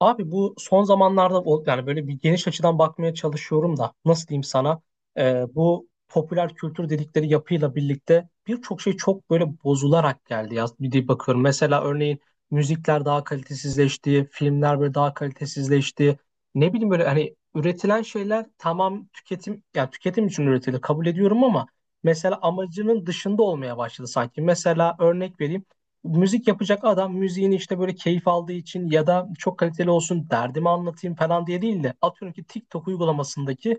Abi bu son zamanlarda yani böyle bir geniş açıdan bakmaya çalışıyorum da nasıl diyeyim sana, bu popüler kültür dedikleri yapıyla birlikte birçok şey çok böyle bozularak geldi ya bir de bakıyorum. Mesela örneğin müzikler daha kalitesizleşti, filmler böyle daha kalitesizleşti. Ne bileyim böyle hani üretilen şeyler tamam, tüketim yani tüketim için üretilir, kabul ediyorum ama mesela amacının dışında olmaya başladı sanki. Mesela örnek vereyim, müzik yapacak adam müziğini işte böyle keyif aldığı için ya da çok kaliteli olsun, derdimi anlatayım falan diye değil de atıyorum ki TikTok uygulamasındaki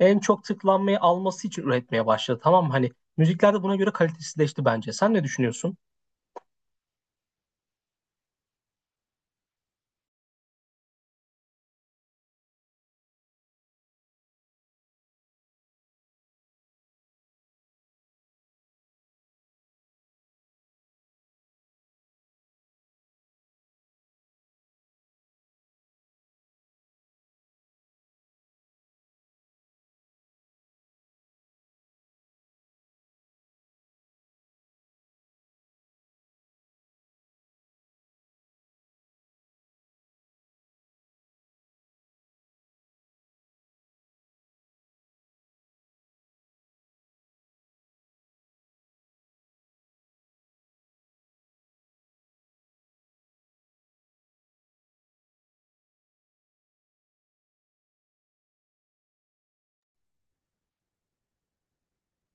en çok tıklanmayı alması için üretmeye başladı. Tamam mı? Hani müzikler de buna göre kalitesizleşti bence. Sen ne düşünüyorsun?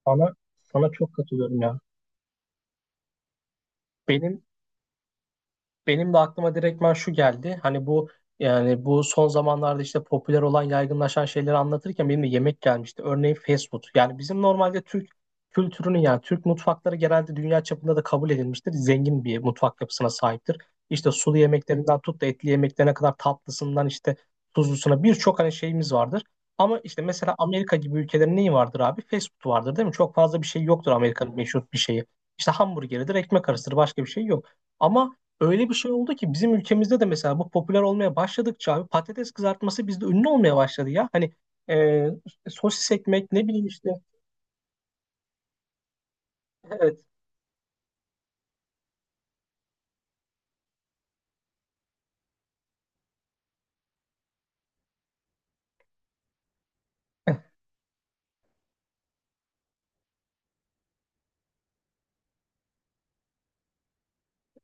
Sana, sana çok katılıyorum ya. Benim Benim de aklıma direktmen şu geldi. Hani bu son zamanlarda işte popüler olan, yaygınlaşan şeyleri anlatırken benim de yemek gelmişti. Örneğin fast food. Yani bizim normalde Türk kültürünün, yani Türk mutfakları genelde dünya çapında da kabul edilmiştir. Zengin bir mutfak yapısına sahiptir. İşte sulu yemeklerinden tut da etli yemeklerine kadar, tatlısından işte tuzlusuna birçok hani şeyimiz vardır. Ama işte mesela Amerika gibi ülkelerin neyi vardır abi? Fast food vardır değil mi? Çok fazla bir şey yoktur Amerika'nın meşhur bir şeyi. İşte hamburgeridir, ekmek arasıdır, başka bir şey yok. Ama öyle bir şey oldu ki bizim ülkemizde de mesela bu popüler olmaya başladıkça abi patates kızartması bizde ünlü olmaya başladı ya. Hani e, sosis ekmek, ne bileyim işte. Evet.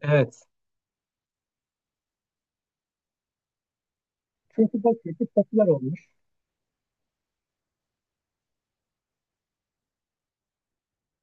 Evet. Çünkü bakıyor ki popüler oldu.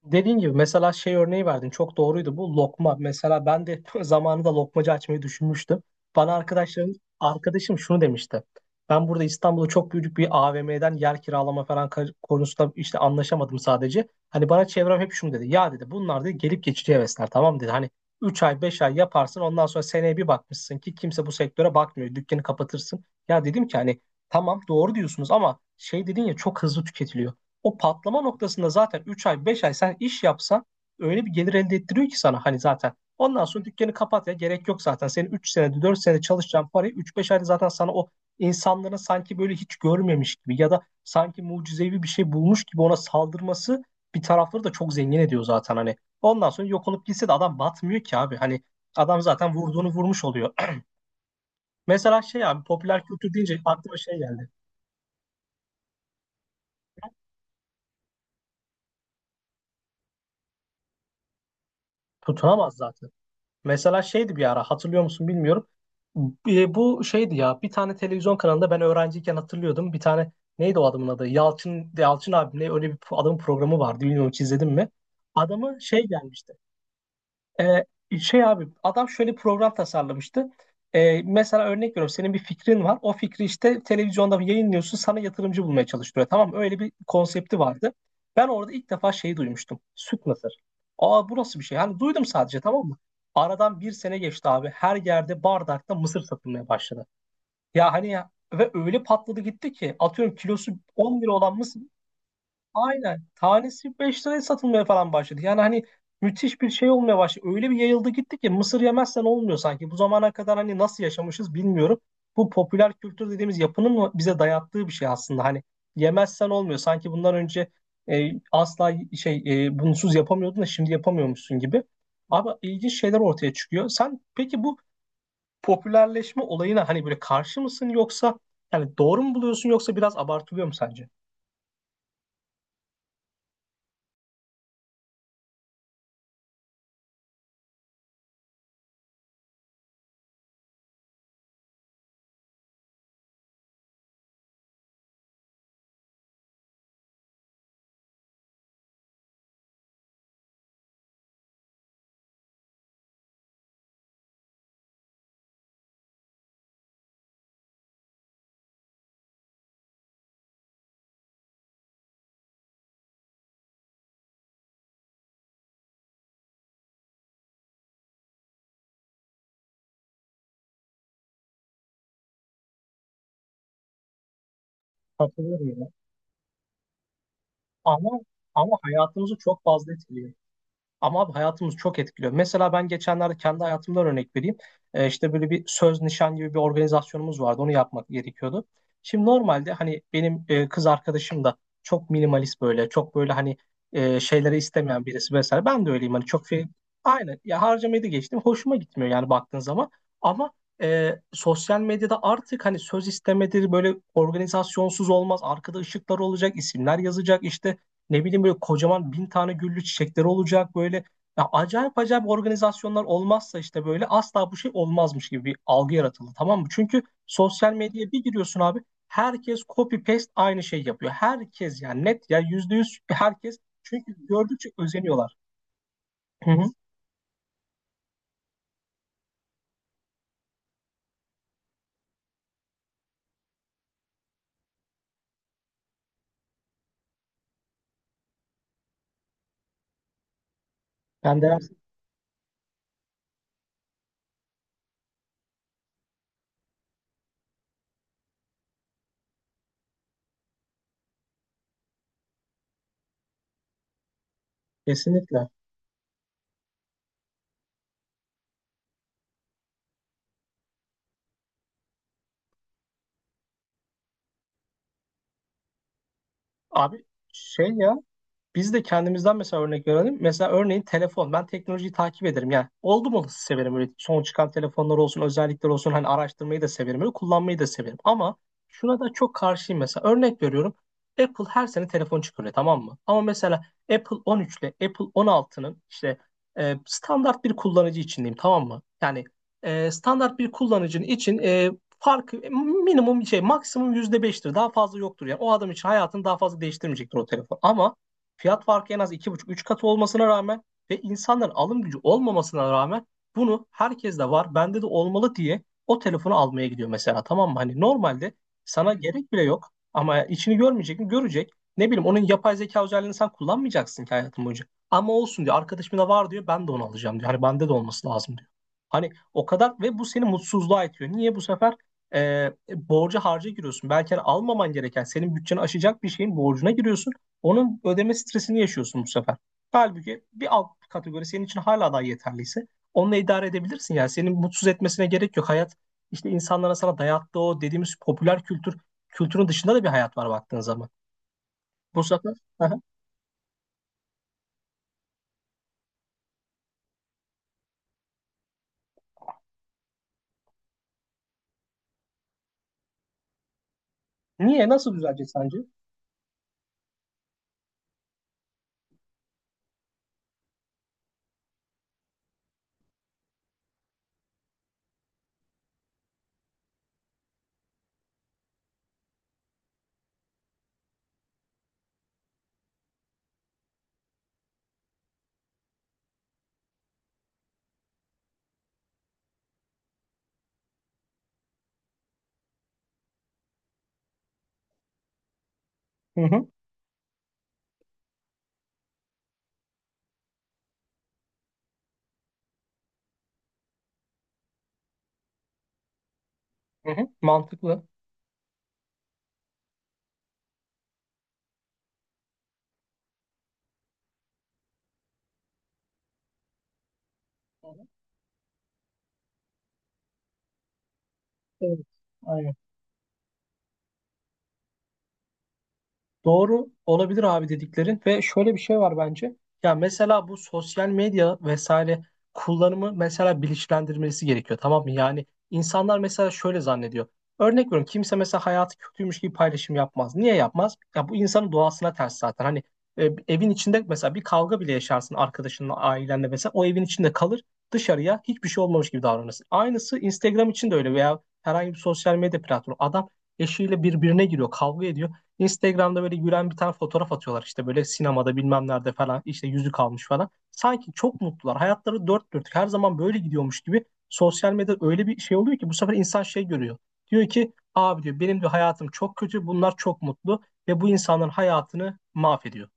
Dediğin gibi mesela şey örneği verdin, çok doğruydu, bu lokma. Mesela ben de zamanında lokmacı açmayı düşünmüştüm. Bana arkadaşlarım, arkadaşım şunu demişti. Ben burada İstanbul'da çok büyük bir AVM'den yer kiralama falan konusunda işte anlaşamadım sadece. Hani bana çevrem hep şunu dedi. Ya dedi, bunlar dedi gelip geçici hevesler, tamam dedi. Hani 3 ay 5 ay yaparsın, ondan sonra seneye bir bakmışsın ki kimse bu sektöre bakmıyor. Dükkanı kapatırsın. Ya dedim ki hani tamam, doğru diyorsunuz ama şey dedin ya, çok hızlı tüketiliyor. O patlama noktasında zaten 3 ay 5 ay sen iş yapsan öyle bir gelir elde ettiriyor ki sana, hani zaten. Ondan sonra dükkanı kapat ya, gerek yok zaten. Senin 3 senede 4 senede çalışacağın parayı üç beş ayda zaten sana o insanların sanki böyle hiç görmemiş gibi ya da sanki mucizevi bir şey bulmuş gibi ona saldırması bir tarafları da çok zengin ediyor zaten hani. Ondan sonra yok olup gitse de adam batmıyor ki abi. Hani adam zaten vurduğunu vurmuş oluyor. Mesela şey abi, popüler kültür deyince aklıma şey geldi. Tutunamaz zaten. Mesela şeydi, bir ara hatırlıyor musun bilmiyorum. Bu şeydi ya, bir tane televizyon kanalında ben öğrenciyken hatırlıyordum. Bir tane, neydi o adamın adı? Yalçın abimle öyle bir adamın programı vardı. Bilmiyorum, hiç izledin mi? Adamı şey gelmişti. Ee, Şey abi, adam şöyle program tasarlamıştı. Mesela örnek veriyorum, senin bir fikrin var. O fikri işte televizyonda yayınlıyorsun, sana yatırımcı bulmaya çalıştırıyor. Tamam mı? Öyle bir konsepti vardı. Ben orada ilk defa şeyi duymuştum. Süt mısır. Aa, bu nasıl bir şey? Hani duydum sadece, tamam mı? Aradan bir sene geçti abi. Her yerde bardakta mısır satılmaya başladı. Ya hani ya, ve öyle patladı gitti ki atıyorum kilosu 10 lira olan mısır. Aynen. Tanesi 5 liraya satılmaya falan başladı. Yani hani müthiş bir şey olmaya başladı. Öyle bir yayıldı gitti ki mısır yemezsen olmuyor sanki. Bu zamana kadar hani nasıl yaşamışız bilmiyorum. Bu popüler kültür dediğimiz yapının mı bize dayattığı bir şey aslında. Hani yemezsen olmuyor. Sanki bundan önce asla şey bunsuz yapamıyordun da şimdi yapamıyormuşsun gibi. Abi ilginç şeyler ortaya çıkıyor. Sen peki bu popülerleşme olayına hani böyle karşı mısın yoksa yani doğru mu buluyorsun, yoksa biraz abartılıyor mu sence? Katılıyorum. Ama ama hayatımızı çok fazla etkiliyor. Ama abi hayatımızı çok etkiliyor. Mesela ben geçenlerde kendi hayatımdan örnek vereyim. İşte böyle bir söz nişan gibi bir organizasyonumuz vardı. Onu yapmak gerekiyordu. Şimdi normalde hani benim kız arkadaşım da çok minimalist böyle, çok böyle hani şeyleri istemeyen birisi vesaire. Ben de öyleyim hani çok şey, aynen ya, harcamayı da geçtim. Hoşuma gitmiyor yani baktığın zaman. Ama sosyal medyada artık hani söz istemedir, böyle organizasyonsuz olmaz. Arkada ışıklar olacak, isimler yazacak, işte ne bileyim böyle kocaman bin tane güllü çiçekleri olacak böyle. Ya acayip acayip organizasyonlar olmazsa işte böyle asla bu şey olmazmış gibi bir algı yaratıldı, tamam mı? Çünkü sosyal medyaya bir giriyorsun abi, herkes copy paste aynı şey yapıyor. Herkes, yani net ya, %100 herkes, çünkü gördükçe özeniyorlar. Hı hı. Ben de kesinlikle. Abi şey ya, biz de kendimizden mesela örnek verelim. Mesela örneğin telefon. Ben teknolojiyi takip ederim. Yani oldum olası severim. Öyle son çıkan telefonlar olsun, özellikler olsun. Hani araştırmayı da severim. Öyle kullanmayı da severim. Ama şuna da çok karşıyım mesela. Örnek veriyorum. Apple her sene telefon çıkarıyor, tamam mı? Ama mesela Apple 13 ile Apple 16'nın işte standart bir kullanıcı için diyeyim, tamam mı? Yani standart bir kullanıcının için farkı minimum şey, maksimum %5'tir. Daha fazla yoktur. Yani o adam için hayatını daha fazla değiştirmeyecektir o telefon. Ama fiyat farkı en az 2,5 3 katı olmasına rağmen ve insanların alım gücü olmamasına rağmen bunu, herkes de var, bende de olmalı diye o telefonu almaya gidiyor mesela, tamam mı? Hani normalde sana gerek bile yok ama içini görmeyecek mi? Görecek. Ne bileyim onun yapay zeka özelliğini sen kullanmayacaksın ki hayatın boyunca. Ama olsun diyor. Arkadaşımda da var diyor. Ben de onu alacağım diyor. Hani bende de olması lazım diyor. Hani o kadar, ve bu seni mutsuzluğa itiyor. Niye bu sefer borca harca giriyorsun? Belki hani almaman gereken, senin bütçeni aşacak bir şeyin borcuna giriyorsun. Onun ödeme stresini yaşıyorsun bu sefer. Halbuki bir alt kategori senin için hala daha yeterliyse onunla idare edebilirsin. Yani senin mutsuz etmesine gerek yok. Hayat işte, insanlara sana dayattığı o dediğimiz popüler kültürün dışında da bir hayat var baktığın zaman. Bu sefer. Aha. Niye, nasıl düzelecek sence? Hı hı. Hı hı. Mantıklı. Evet. Aynen. Doğru olabilir abi dediklerin, ve şöyle bir şey var bence. Ya mesela bu sosyal medya vesaire kullanımı mesela bilinçlendirmesi gerekiyor, tamam mı? Yani insanlar mesela şöyle zannediyor. Örnek veriyorum, kimse mesela hayatı kötüymüş gibi paylaşım yapmaz. Niye yapmaz? Ya bu insanın doğasına ters zaten. Hani e, evin içinde mesela bir kavga bile yaşarsın arkadaşınla, ailenle, mesela o evin içinde kalır, dışarıya hiçbir şey olmamış gibi davranırsın. Aynısı Instagram için de öyle, veya herhangi bir sosyal medya platformu. Adam eşiyle birbirine giriyor, kavga ediyor. Instagram'da böyle gülen bir tane fotoğraf atıyorlar, işte böyle sinemada bilmem nerede falan, işte yüzük almış falan. Sanki çok mutlular. Hayatları dört dörtlük her zaman böyle gidiyormuş gibi, sosyal medya öyle bir şey oluyor ki bu sefer insan şey görüyor. Diyor ki abi diyor, benim de hayatım çok kötü, bunlar çok mutlu, ve bu insanların hayatını mahvediyor.